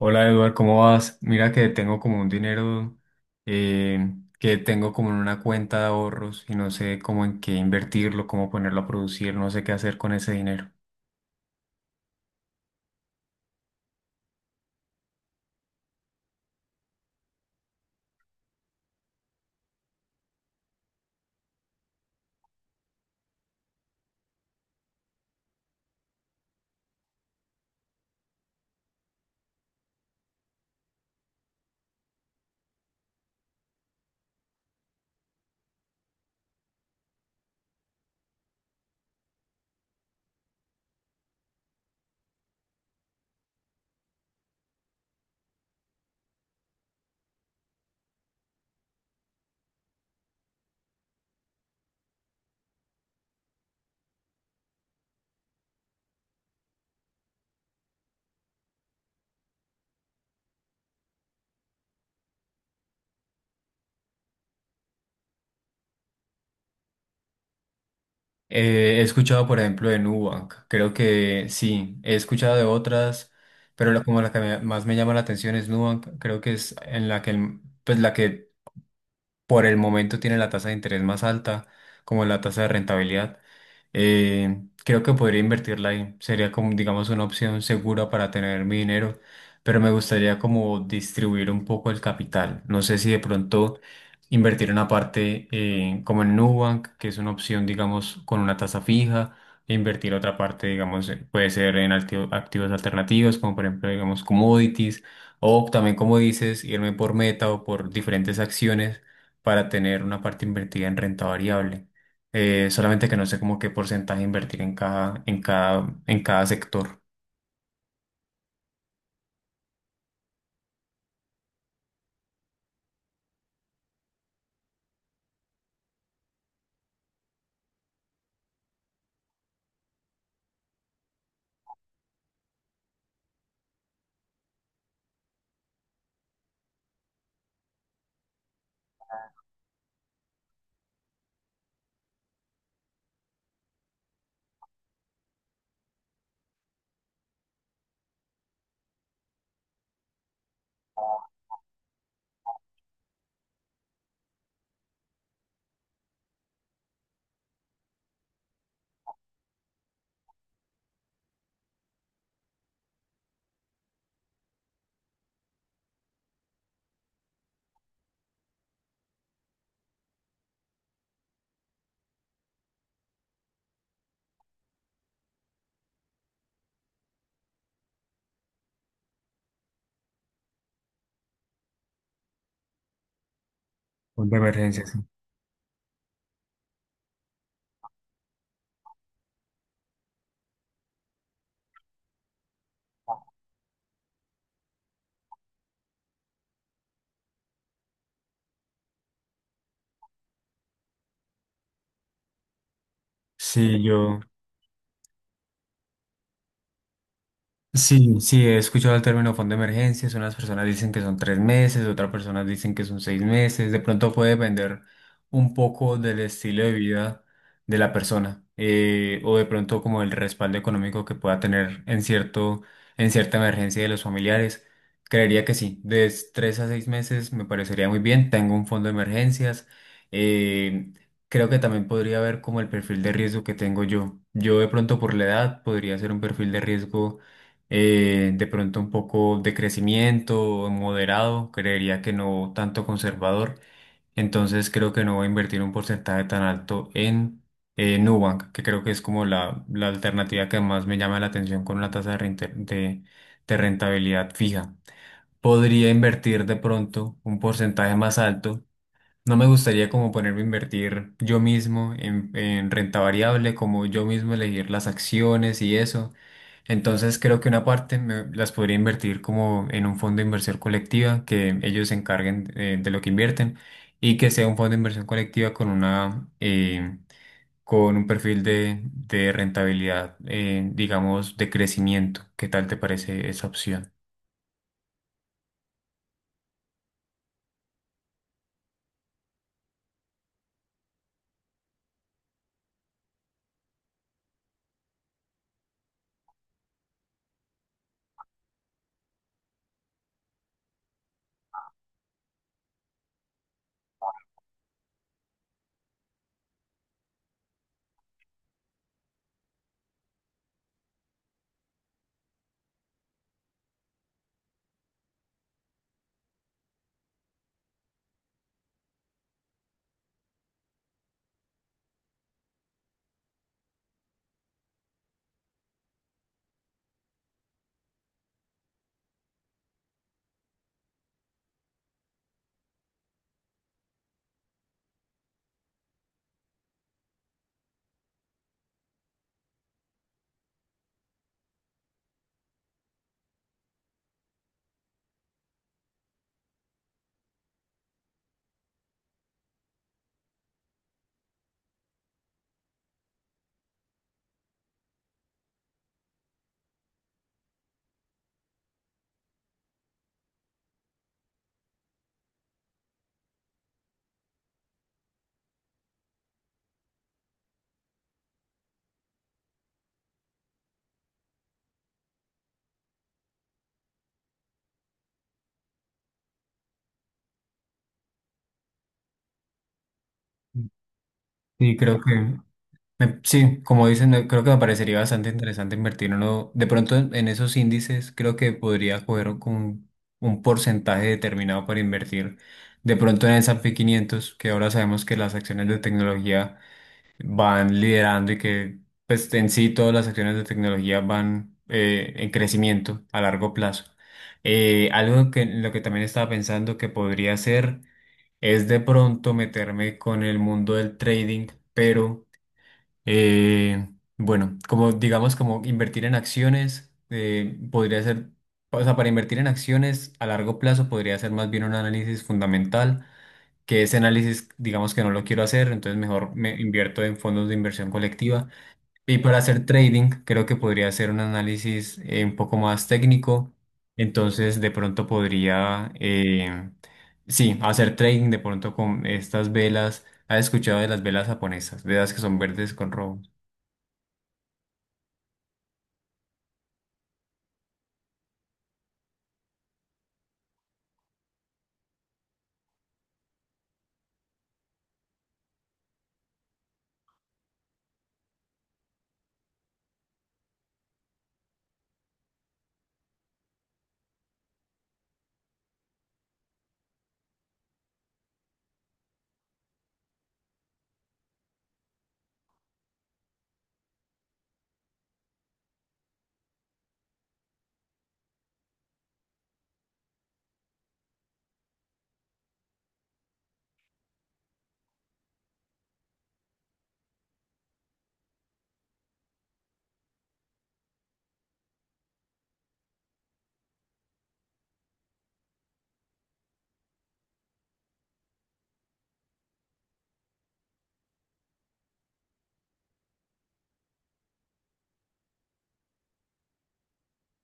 Hola Eduard, ¿cómo vas? Mira que tengo como un dinero que tengo como en una cuenta de ahorros y no sé cómo en qué invertirlo, cómo ponerlo a producir, no sé qué hacer con ese dinero. He escuchado, por ejemplo, de Nubank, creo que sí, he escuchado de otras, pero como la que más me llama la atención es Nubank, creo que es en la que, pues la que por el momento tiene la tasa de interés más alta, como la tasa de rentabilidad. Creo que podría invertirla ahí. Sería como, digamos, una opción segura para tener mi dinero, pero me gustaría como distribuir un poco el capital. No sé si de pronto invertir una parte como en Nubank, que es una opción, digamos, con una tasa fija. E invertir otra parte, digamos, puede ser en activos alternativos, como por ejemplo, digamos, commodities, o también, como dices, irme por meta o por diferentes acciones para tener una parte invertida en renta variable. Solamente que no sé como qué porcentaje invertir en cada sector. Fondo de emergencia. Sí. Sí, yo. Sí, sí, he escuchado el término fondo de emergencias. Unas personas dicen que son 3 meses, otras personas dicen que son 6 meses. De pronto puede depender un poco del estilo de vida de la persona, o de pronto como el respaldo económico que pueda tener en cierta emergencia de los familiares. Creería que sí, de 3 a 6 meses me parecería muy bien. Tengo un fondo de emergencias. Eh, Creo que también podría ver como el perfil de riesgo que tengo yo. Yo de pronto por la edad podría ser un perfil de riesgo, de pronto un poco de crecimiento moderado, creería que no tanto conservador, entonces creo que no voy a invertir un porcentaje tan alto en, Nubank, que creo que es como la alternativa que más me llama la atención con una tasa de rentabilidad fija. Podría invertir de pronto un porcentaje más alto. No me gustaría como ponerme a invertir yo mismo en renta variable, como yo mismo elegir las acciones y eso. Entonces creo que una parte las podría invertir como en un fondo de inversión colectiva, que ellos se encarguen, de lo que invierten y que sea un fondo de inversión colectiva con una con un perfil de rentabilidad, digamos, de crecimiento. ¿Qué tal te parece esa opción? Sí, creo que. Sí, como dicen, creo que me parecería bastante interesante invertir uno. De pronto en esos índices creo que podría coger como un porcentaje determinado para invertir. De pronto en el S&P 500, que ahora sabemos que las acciones de tecnología van liderando y que, pues, en sí todas las acciones de tecnología van, en crecimiento a largo plazo. Algo que lo que también estaba pensando que podría hacer es de pronto meterme con el mundo del trading, pero, eh, bueno, como digamos, como invertir en acciones, podría ser, o sea, para invertir en acciones a largo plazo podría ser más bien un análisis fundamental, que ese análisis, digamos que no lo quiero hacer, entonces mejor me invierto en fondos de inversión colectiva. Y para hacer trading, creo que podría ser un análisis, un poco más técnico, entonces de pronto podría, sí, hacer trading de pronto con estas velas. ¿Has escuchado de las velas japonesas? Velas que son verdes con rojo.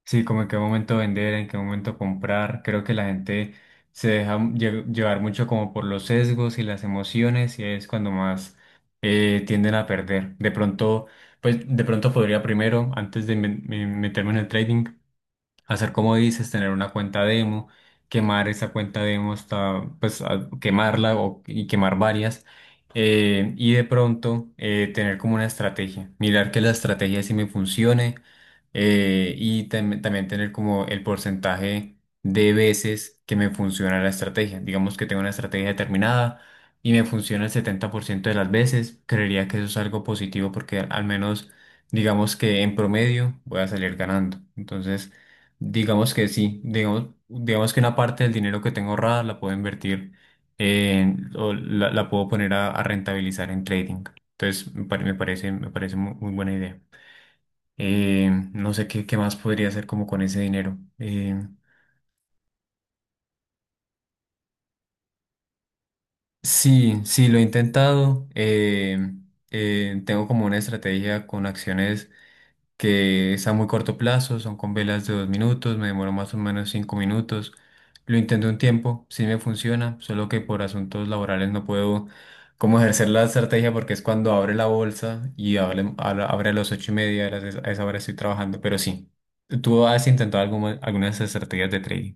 Sí, como en qué momento vender, en qué momento comprar. Creo que la gente se deja llevar mucho como por los sesgos y las emociones y es cuando más, tienden a perder. De pronto, pues de pronto podría primero, antes de meterme en el trading, hacer como dices, tener una cuenta demo, quemar esa cuenta demo hasta, pues, quemarla o, y quemar varias. Y de pronto, tener como una estrategia, mirar que la estrategia sí me funcione, y también tener como el porcentaje de veces que me funciona la estrategia. Digamos que tengo una estrategia determinada y me funciona el 70% de las veces, creería que eso es algo positivo porque al menos digamos que en promedio voy a salir ganando. Entonces, digamos que sí, digamos que una parte del dinero que tengo ahorrada la puedo invertir o la puedo poner a rentabilizar en trading. Entonces, me parece muy buena idea. No sé qué más podría hacer como con ese dinero. Sí, sí, lo he intentado. Tengo como una estrategia con acciones que es a muy corto plazo, son con velas de 2 minutos, me demoro más o menos 5 minutos. Lo intenté un tiempo, sí me funciona, solo que por asuntos laborales no puedo como ejercer la estrategia porque es cuando abre la bolsa y abre a las 8:30, a esa hora estoy trabajando, pero sí. ¿Tú has intentado algunas estrategias de trading?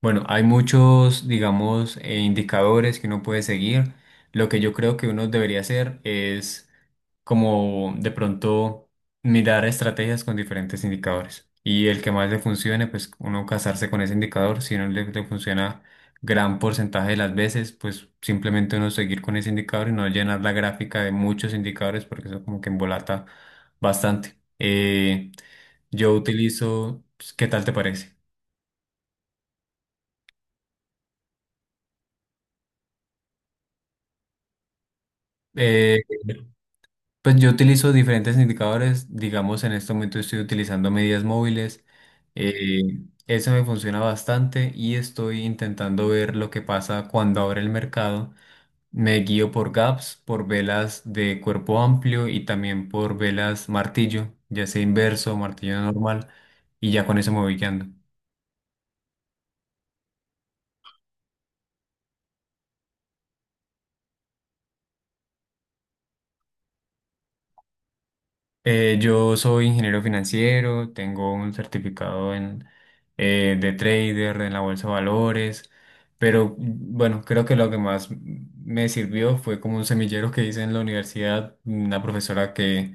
Bueno, hay muchos, digamos, indicadores que uno puede seguir. Lo que yo creo que uno debería hacer es como de pronto mirar estrategias con diferentes indicadores. Y el que más le funcione, pues uno casarse con ese indicador. Si no le funciona gran porcentaje de las veces, pues simplemente uno seguir con ese indicador y no llenar la gráfica de muchos indicadores porque eso como que embolata bastante. Yo utilizo, pues, ¿qué tal te parece? Eh, Pues yo utilizo diferentes indicadores, digamos en este momento estoy utilizando medidas móviles, eh, eso me funciona bastante y estoy intentando ver lo que pasa cuando abre el mercado. Me guío por gaps, por velas de cuerpo amplio y también por velas martillo, ya sea inverso o martillo normal, y ya con eso me voy guiando. Yo soy ingeniero financiero, tengo un certificado de trader en la bolsa de valores, pero bueno, creo que lo que más me sirvió fue como un semillero que hice en la universidad, una profesora que,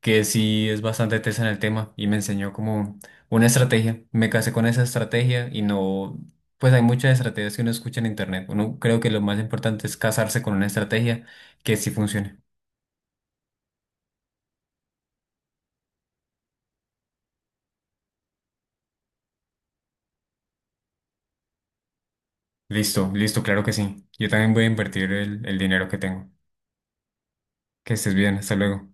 que sí es bastante tesa en el tema y me enseñó como una estrategia. Me casé con esa estrategia y no, pues hay muchas estrategias que uno escucha en internet. Uno creo que lo más importante es casarse con una estrategia que sí funcione. Listo, listo, claro que sí. Yo también voy a invertir el dinero que tengo. Que estés bien, hasta luego.